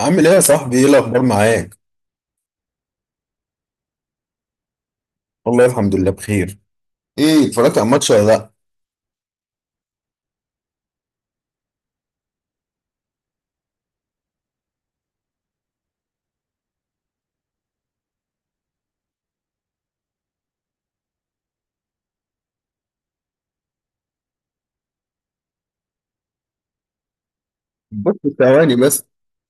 عامل ايه يا صاحبي؟ ايه الاخبار معاك؟ والله الحمد لله بخير. ايه، اتفرجت على الماتش ولا لا؟ بس ثواني بس.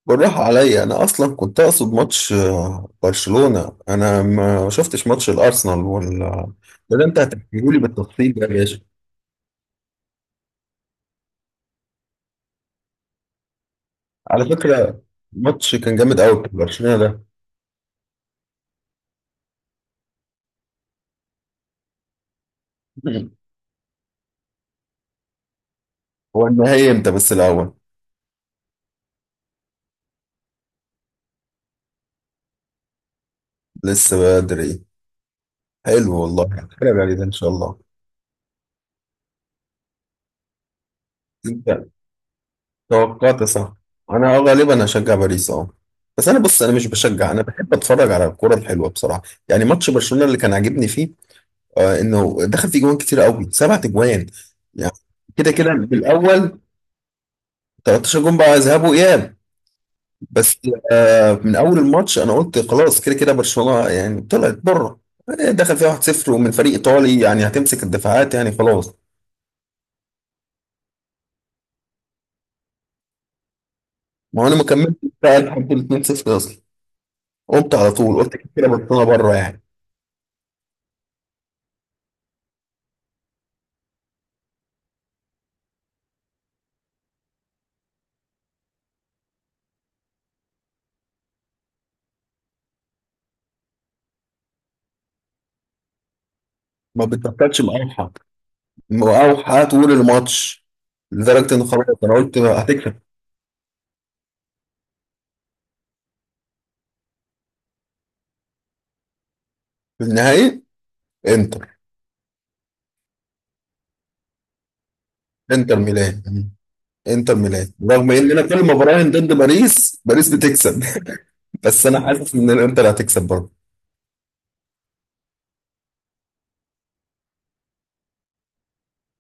بالراحه عليا، انا اصلا كنت اقصد ماتش برشلونه. انا ما شفتش ماتش الارسنال ولا. ده انت هتحكيه لي بالتفصيل ده يا باشا. على فكره، الماتش كان جامد قوي بتاع برشلونه ده. هو النهائي امتى بس الاول؟ لسه بدري. حلو والله، هتفرج عليه ده ان شاء الله. انت توقعت صح. انا غالبا هشجع باريس، اه. بس انا، بص، انا مش بشجع. انا بحب اتفرج على الكرة الحلوة بصراحة. يعني ماتش برشلونة اللي كان عاجبني فيه انه دخل فيه جوان كتير قوي، سبعة جوان يعني. كده كده بالاول 13 جون بقى، ذهاب واياب. بس من اول الماتش انا قلت خلاص، كده كده برشلونة يعني طلعت بره. دخل فيها 1-0 ومن فريق ايطالي، يعني هتمسك الدفاعات، يعني خلاص. ما هو انا ما كملتش بقى لحد ال 2-0 اصلا، قمت على طول قلت كده كده برشلونة بره يعني. ما بتبطلش مقاوحه، مقاوحه طول الماتش، لدرجه ان خلاص انا قلت هتكسب في النهائي. انتر. انتر ميلان. انتر ميلان، رغم ان انا كل ما براهن ضد باريس، باريس بتكسب. بس انا حاسس ان الانتر هتكسب برضه.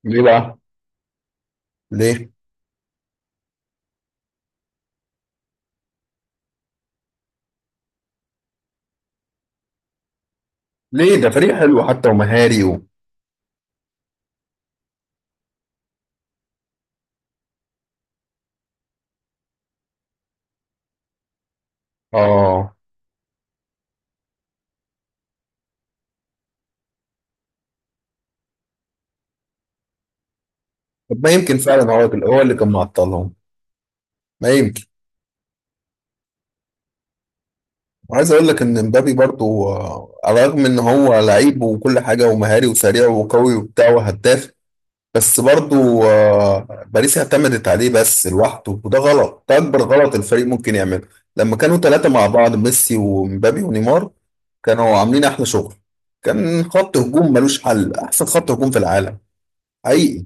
ليه بقى؟ ليه؟ ليه؟ ده فريق حلو حتى ومهاري. اه. طب ما يمكن فعلا هو اللي كان معطلهم. ما يمكن. وعايز اقول لك ان مبابي برضو، على الرغم ان هو لعيب وكل حاجه ومهاري وسريع وقوي وبتاع وهداف. بس برضو، باريس اعتمدت عليه بس لوحده، وده غلط، ده اكبر غلط الفريق ممكن يعمله. لما كانوا ثلاثة مع بعض، ميسي ومبابي ونيمار، كانوا عاملين احلى شغل. كان خط هجوم ملوش حل، احسن خط هجوم في العالم حقيقي.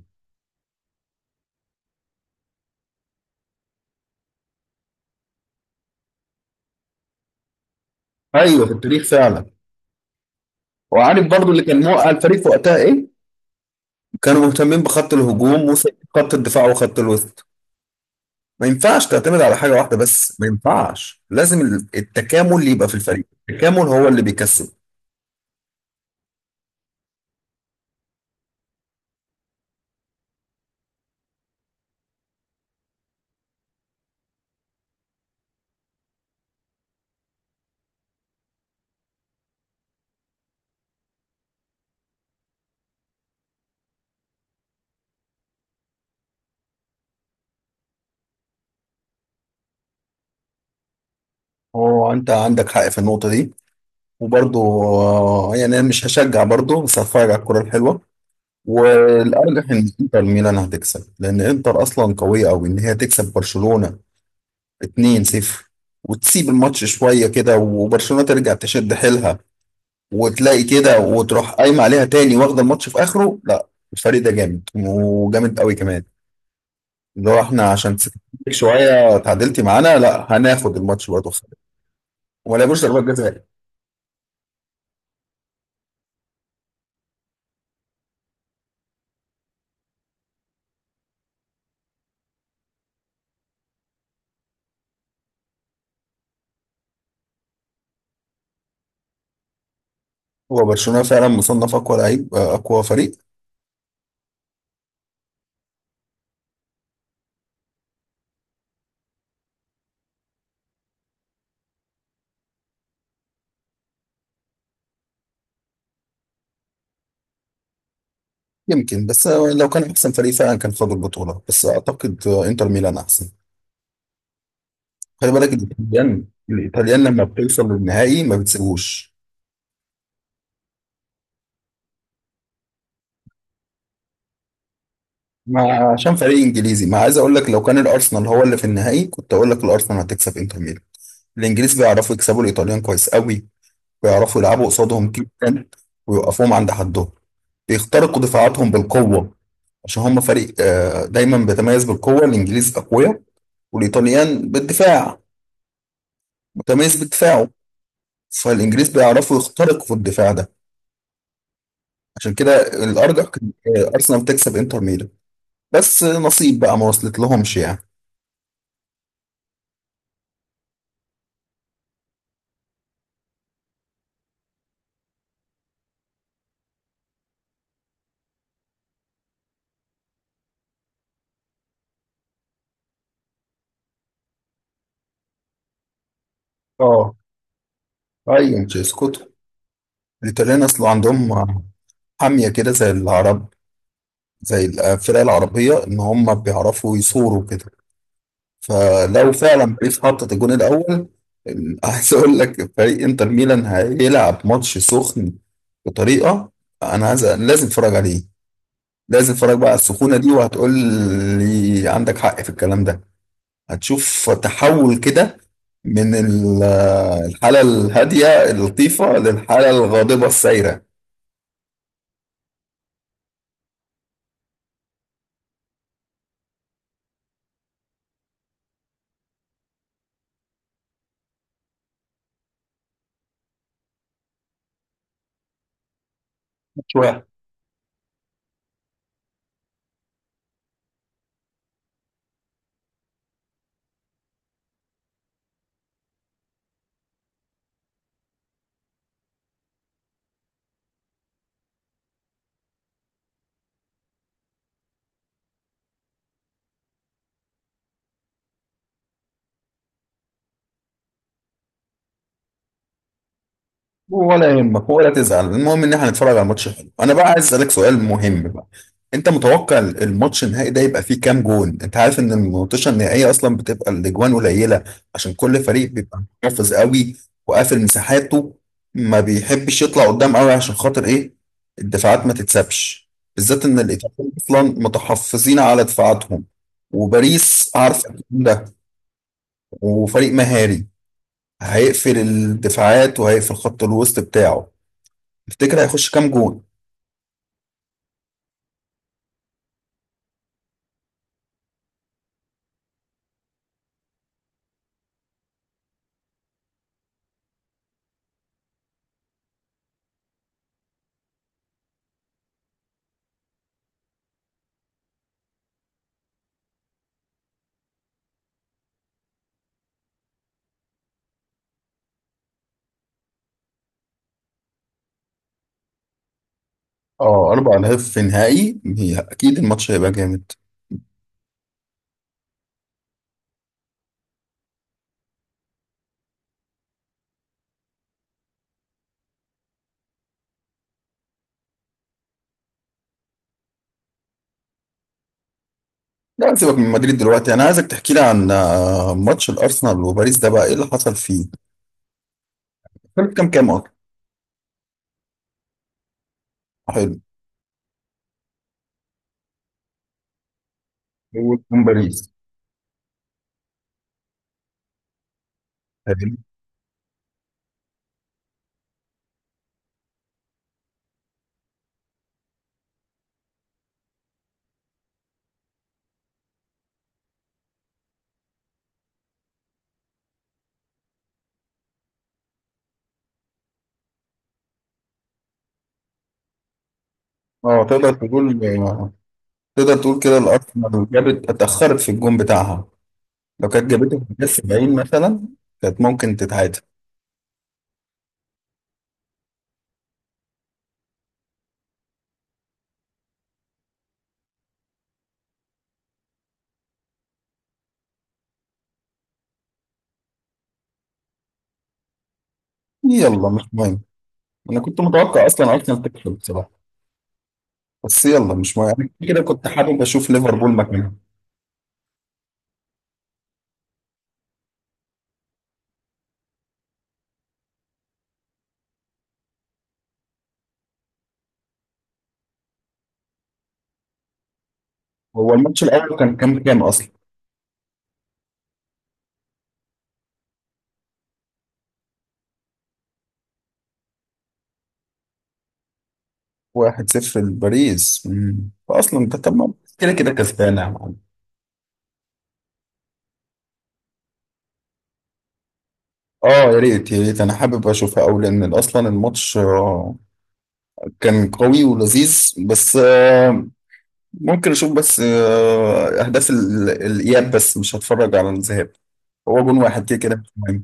ايوه، في التاريخ فعلا. وعارف برضو اللي كان موقع الفريق في وقتها ايه. كانوا مهتمين بخط الهجوم وخط الدفاع وخط الوسط. ما ينفعش تعتمد على حاجة واحدة بس، ما ينفعش. لازم التكامل اللي يبقى في الفريق، التكامل هو اللي بيكسب. هو انت عندك حق في النقطة دي. وبرضه، يعني انا مش هشجع برضه، بس هتفرج على الكرة الحلوة. والارجح ان انتر ميلان هتكسب، لان انتر اصلا قوية قوي ان هي تكسب برشلونة 2-0 وتسيب الماتش شوية كده، وبرشلونة ترجع تشد حيلها وتلاقي كده وتروح قايمة عليها تاني، واخدة الماتش في اخره. لا، الفريق ده جامد وجامد قوي كمان. لو احنا عشان سكتك شوية تعادلتي معانا، لا هناخد الماتش برضه، ولا مش ضربات جزاء. هو برشلونة فعلا مصنف أقوى لعيب، أقوى فريق. يمكن، بس لو كان أحسن فريق فعلا كان خد البطولة. بس أعتقد إنتر ميلان أحسن. خلي بالك، الإيطاليان لما بتوصل للنهائي ما بتسيبوش. ما عشان فريق إنجليزي، ما عايز أقول لك، لو كان الأرسنال هو اللي في النهائي كنت أقول لك الأرسنال هتكسب إنتر ميلان. الإنجليز بيعرفوا يكسبوا الإيطاليان كويس قوي. بيعرفوا يلعبوا قصادهم جدا ويوقفوهم عند حدهم. بيخترقوا دفاعاتهم بالقوة. عشان هم فريق دايما بيتميز بالقوة. الإنجليز أقوياء، والإيطاليان بالدفاع، متميز بدفاعه. فالإنجليز بيعرفوا يخترقوا في الدفاع ده. عشان كده الأرجح كان، أرسنال تكسب إنتر ميلان. بس نصيب بقى ما وصلت لهمش يعني. اه، ايوه تشيسكوتو. الإيطاليان أصله عندهم حامية كده زي العرب، زي الفرق العربية، إن هم بيعرفوا يصوروا كده. فلو فعلا بيس حطت الجون الأول عايز أقول لك، فريق إنتر ميلان هيلعب ماتش سخن بطريقة. أنا عايز، لازم أتفرج عليه. لازم أتفرج بقى على السخونة دي، وهتقول لي عندك حق في الكلام ده. هتشوف تحول كده من الحالة الهادية اللطيفة للحالة الغاضبة السايرة شوية. ولا يهمك، ولا تزعل. المهم ان احنا هنتفرج على ماتش حلو. انا بقى عايز اسالك سؤال مهم بقى. انت متوقع الماتش النهائي ده يبقى فيه كام جون؟ انت عارف ان الماتشات النهائيه اصلا بتبقى الاجوان قليله، عشان كل فريق بيبقى محافظ قوي وقافل مساحاته. ما بيحبش يطلع قدام قوي عشان خاطر ايه؟ الدفاعات ما تتسابش، بالذات ان الايطاليين اصلا متحفظين على دفاعاتهم، وباريس عارفه ده، وفريق مهاري، هيقفل الدفاعات وهيقفل خط الوسط بتاعه. تفتكر هيخش كام جول؟ اه، اربع اهداف في نهائي؟ هي اكيد الماتش هيبقى جامد. لا سيبك من مدريد دلوقتي، انا عايزك تحكي لي عن ماتش الارسنال وباريس ده. بقى ايه اللي حصل فيه؟ كان كام كام اصلا؟ حلو. هو كان باريس؟ حلو، اه. تقدر تقول كده الارسنال جابت، اتاخرت في الجون بتاعها. لو كانت جابته في الدقيقه 70 مثلا كانت ممكن تتعادل. يلا مش مهم، انا كنت متوقع اصلا ارسنال تكسب بصراحه. بس يلا مش مهم، أنا كده كنت حابب اشوف ليفربول مكانها. هو الماتش الاول كان كام كام اصلا؟ 1-0 لباريس. فاصلا ده، طب ما كده كده كسبانه يا معلم. اه، يا ريت يا ريت، انا حابب اشوفها قوي، لان اصلا الماتش كان قوي ولذيذ. بس ممكن اشوف بس اهداف الاياب، بس مش هتفرج على الذهاب. هو جون واحد كده كده.